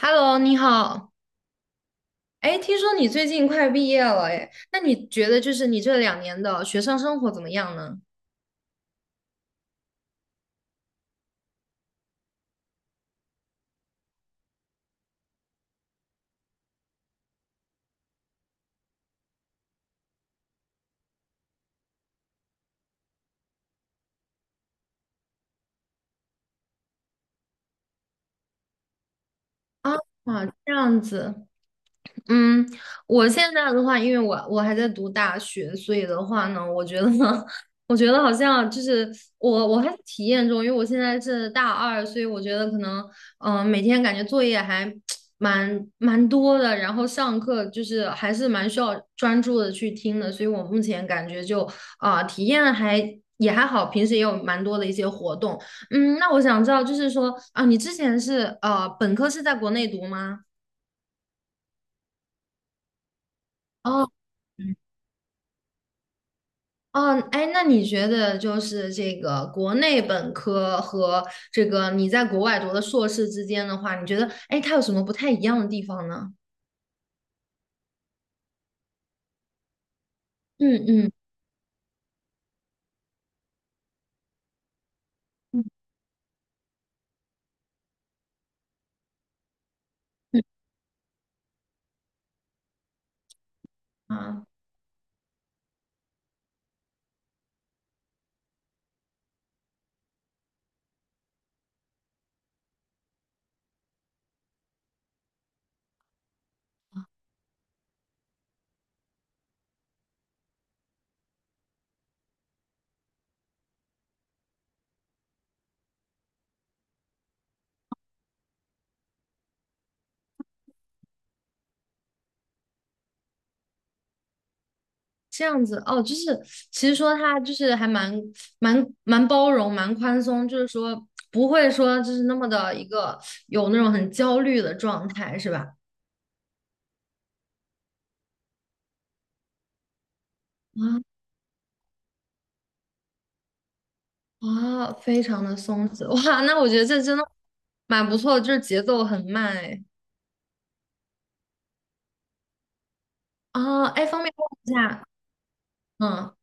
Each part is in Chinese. Hello，你好。哎，听说你最近快毕业了，哎，那你觉得就是你这两年的学生生活怎么样呢？啊，这样子。嗯，我现在的话，因为我还在读大学，所以的话呢，我觉得，呢，我觉得好像就是我还在体验中，因为我现在是大二，所以我觉得可能，每天感觉作业还 蛮多的，然后上课就是还是蛮需要专注的去听的，所以我目前感觉就体验还也还好，平时也有蛮多的一些活动。嗯，那我想知道，就是说啊、你之前是本科是在国内读吗？哦。哦，哎，那你觉得就是这个国内本科和这个你在国外读的硕士之间的话，你觉得哎，它有什么不太一样的地方呢？嗯嗯嗯嗯。啊，这样子哦，就是其实说它就是还蛮包容、蛮宽松，就是说不会说就是那么的一个有那种很焦虑的状态，是吧？啊啊，非常的松弛哇，那我觉得这真的蛮不错的，就是节奏很慢哎。啊，哎，方便问一下，嗯，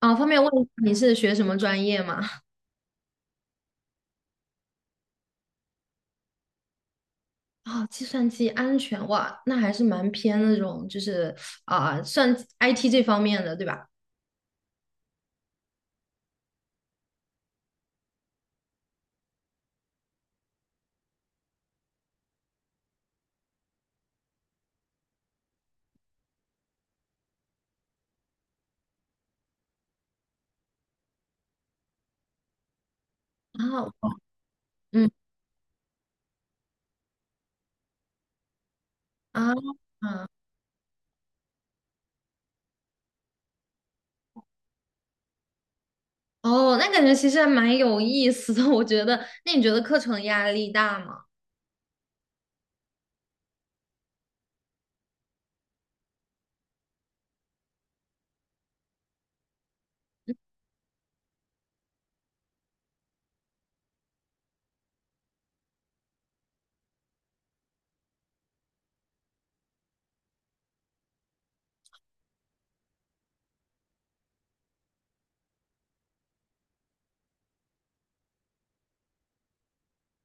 啊，方便问一下你是学什么专业吗？哦，计算机安全，哇，那还是蛮偏那种，就是算 IT 这方面的，对吧？啊，嗯，啊，啊，哦，那感觉其实还蛮有意思的，我觉得。那你觉得课程压力大吗？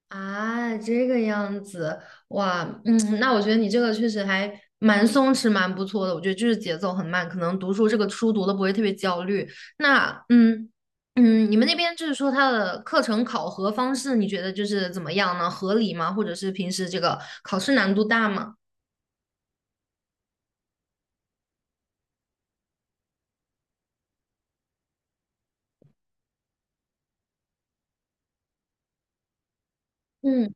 啊，这个样子，哇，嗯，那我觉得你这个确实还蛮松弛，蛮不错的。我觉得就是节奏很慢，可能读书这个书读的不会特别焦虑。那，嗯嗯，你们那边就是说它的课程考核方式，你觉得就是怎么样呢？合理吗？或者是平时这个考试难度大吗？嗯，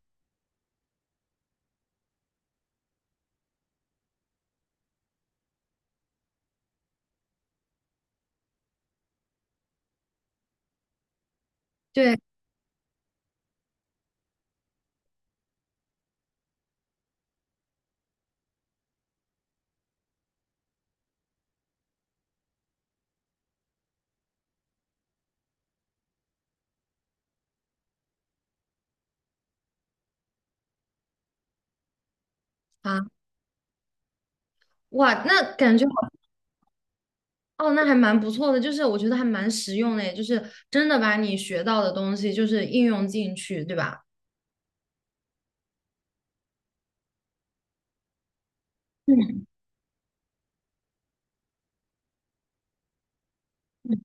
对啊，哇，那感觉哦，那还蛮不错的，就是我觉得还蛮实用的耶，就是真的把你学到的东西就是应用进去，对吧？嗯，嗯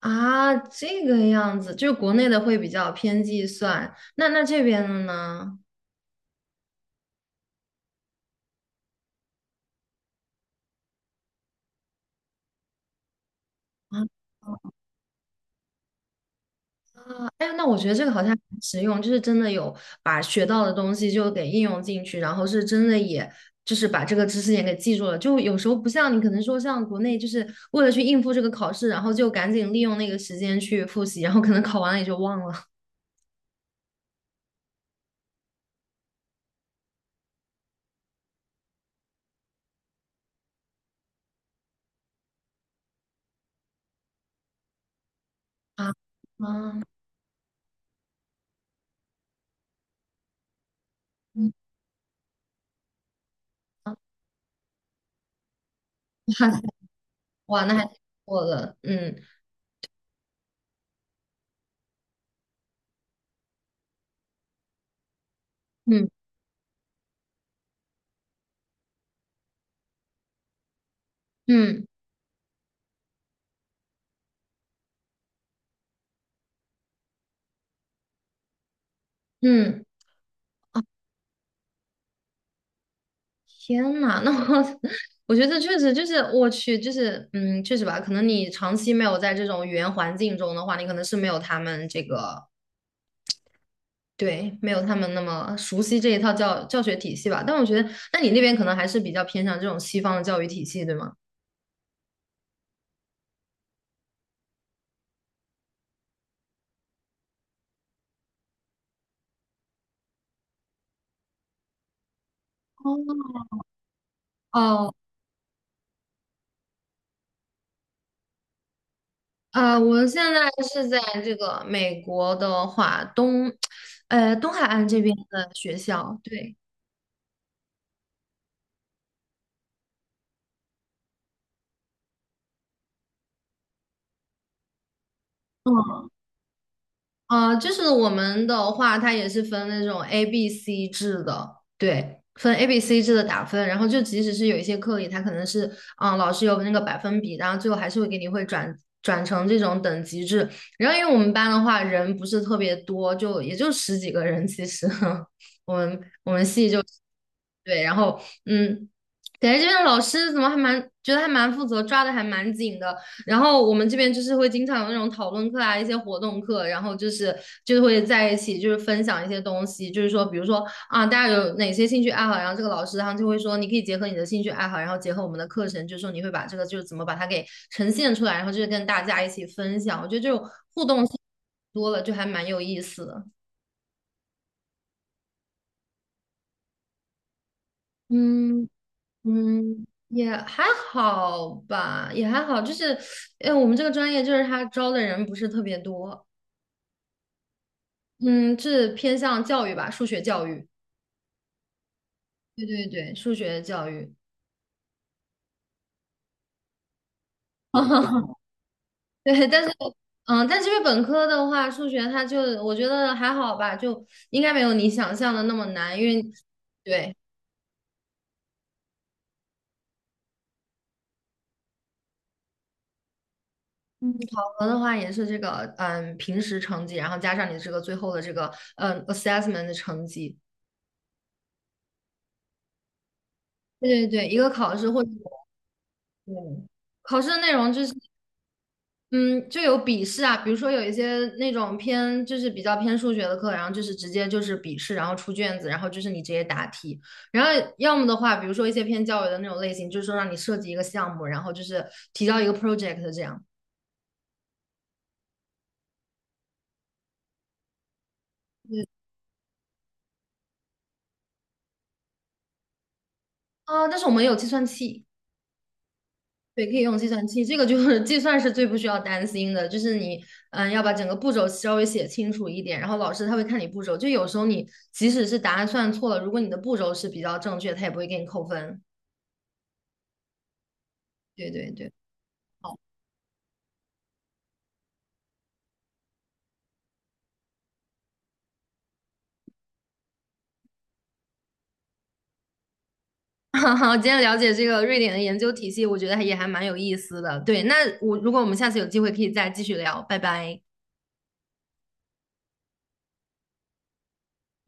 啊，这个样子，就是国内的会比较偏计算，那这边的呢？啊，哎，那我觉得这个好像很实用，就是真的有把学到的东西就给应用进去，然后是真的也就是把这个知识点给记住了。就有时候不像你可能说像国内，就是为了去应付这个考试，然后就赶紧利用那个时间去复习，然后可能考完了也就忘了。啊啊，嗯啊哇塞，哇，那还挺不错的，嗯嗯嗯嗯。天呐，那我 我觉得确实就是我去，就是确实吧，可能你长期没有在这种语言环境中的话，你可能是没有他们这个，对，没有他们那么熟悉这一套教学体系吧。但我觉得，那你那边可能还是比较偏向这种西方的教育体系，对吗？哦，哦，我现在是在这个美国的话，东海岸这边的学校，对。就是我们的话，它也是分那种 A、B、C 制的，对，分 A、B、C 制的打分。然后就即使是有一些课里，它可能是，老师有那个百分比，然后最后还是会给你会转成这种等级制。然后因为我们班的话，人不是特别多，就也就十几个人，其实 我们对，然后嗯，感觉这边的老师怎么还蛮觉得还蛮负责，抓的还蛮紧的。然后我们这边就是会经常有那种讨论课啊，一些活动课，然后就是会在一起就是分享一些东西，就是说比如说啊，大家有哪些兴趣爱好，然后这个老师他就会说你可以结合你的兴趣爱好，然后结合我们的课程，就是说你会把这个就是怎么把它给呈现出来，然后就是跟大家一起分享。我觉得这种互动性多了，就还蛮有意思的。嗯。嗯，也还好吧，也还好，就是，我们这个专业就是他招的人不是特别多，嗯，是偏向教育吧，数学教育，对对对，数学教育，对，但是因为本科的话，数学它就我觉得还好吧，就应该没有你想象的那么难，因为，对，嗯，考核的话也是这个，平时成绩，然后加上你这个最后的这个，assessment 的成绩。对对对，一个考试或者对，考试的内容就是，嗯，就有笔试啊，比如说有一些那种偏就是比较偏数学的课，然后就是直接就是笔试，然后出卷子，然后就是你直接答题。然后要么的话，比如说一些偏教育的那种类型，就是说让你设计一个项目，然后就是提交一个 project 这样。啊、但是我们有计算器。对，可以用计算器，这个就 是计算是最不需要担心的，就是你，要把整个步骤稍微写清楚一点，然后老师他会看你步骤，就有时候你即使是答案算错了，如果你的步骤是比较正确，他也不会给你扣分。对对对，好，今天了解这个瑞典的研究体系，我觉得还也还蛮有意思的。对，那我如果我们下次有机会可以再继续聊，拜拜。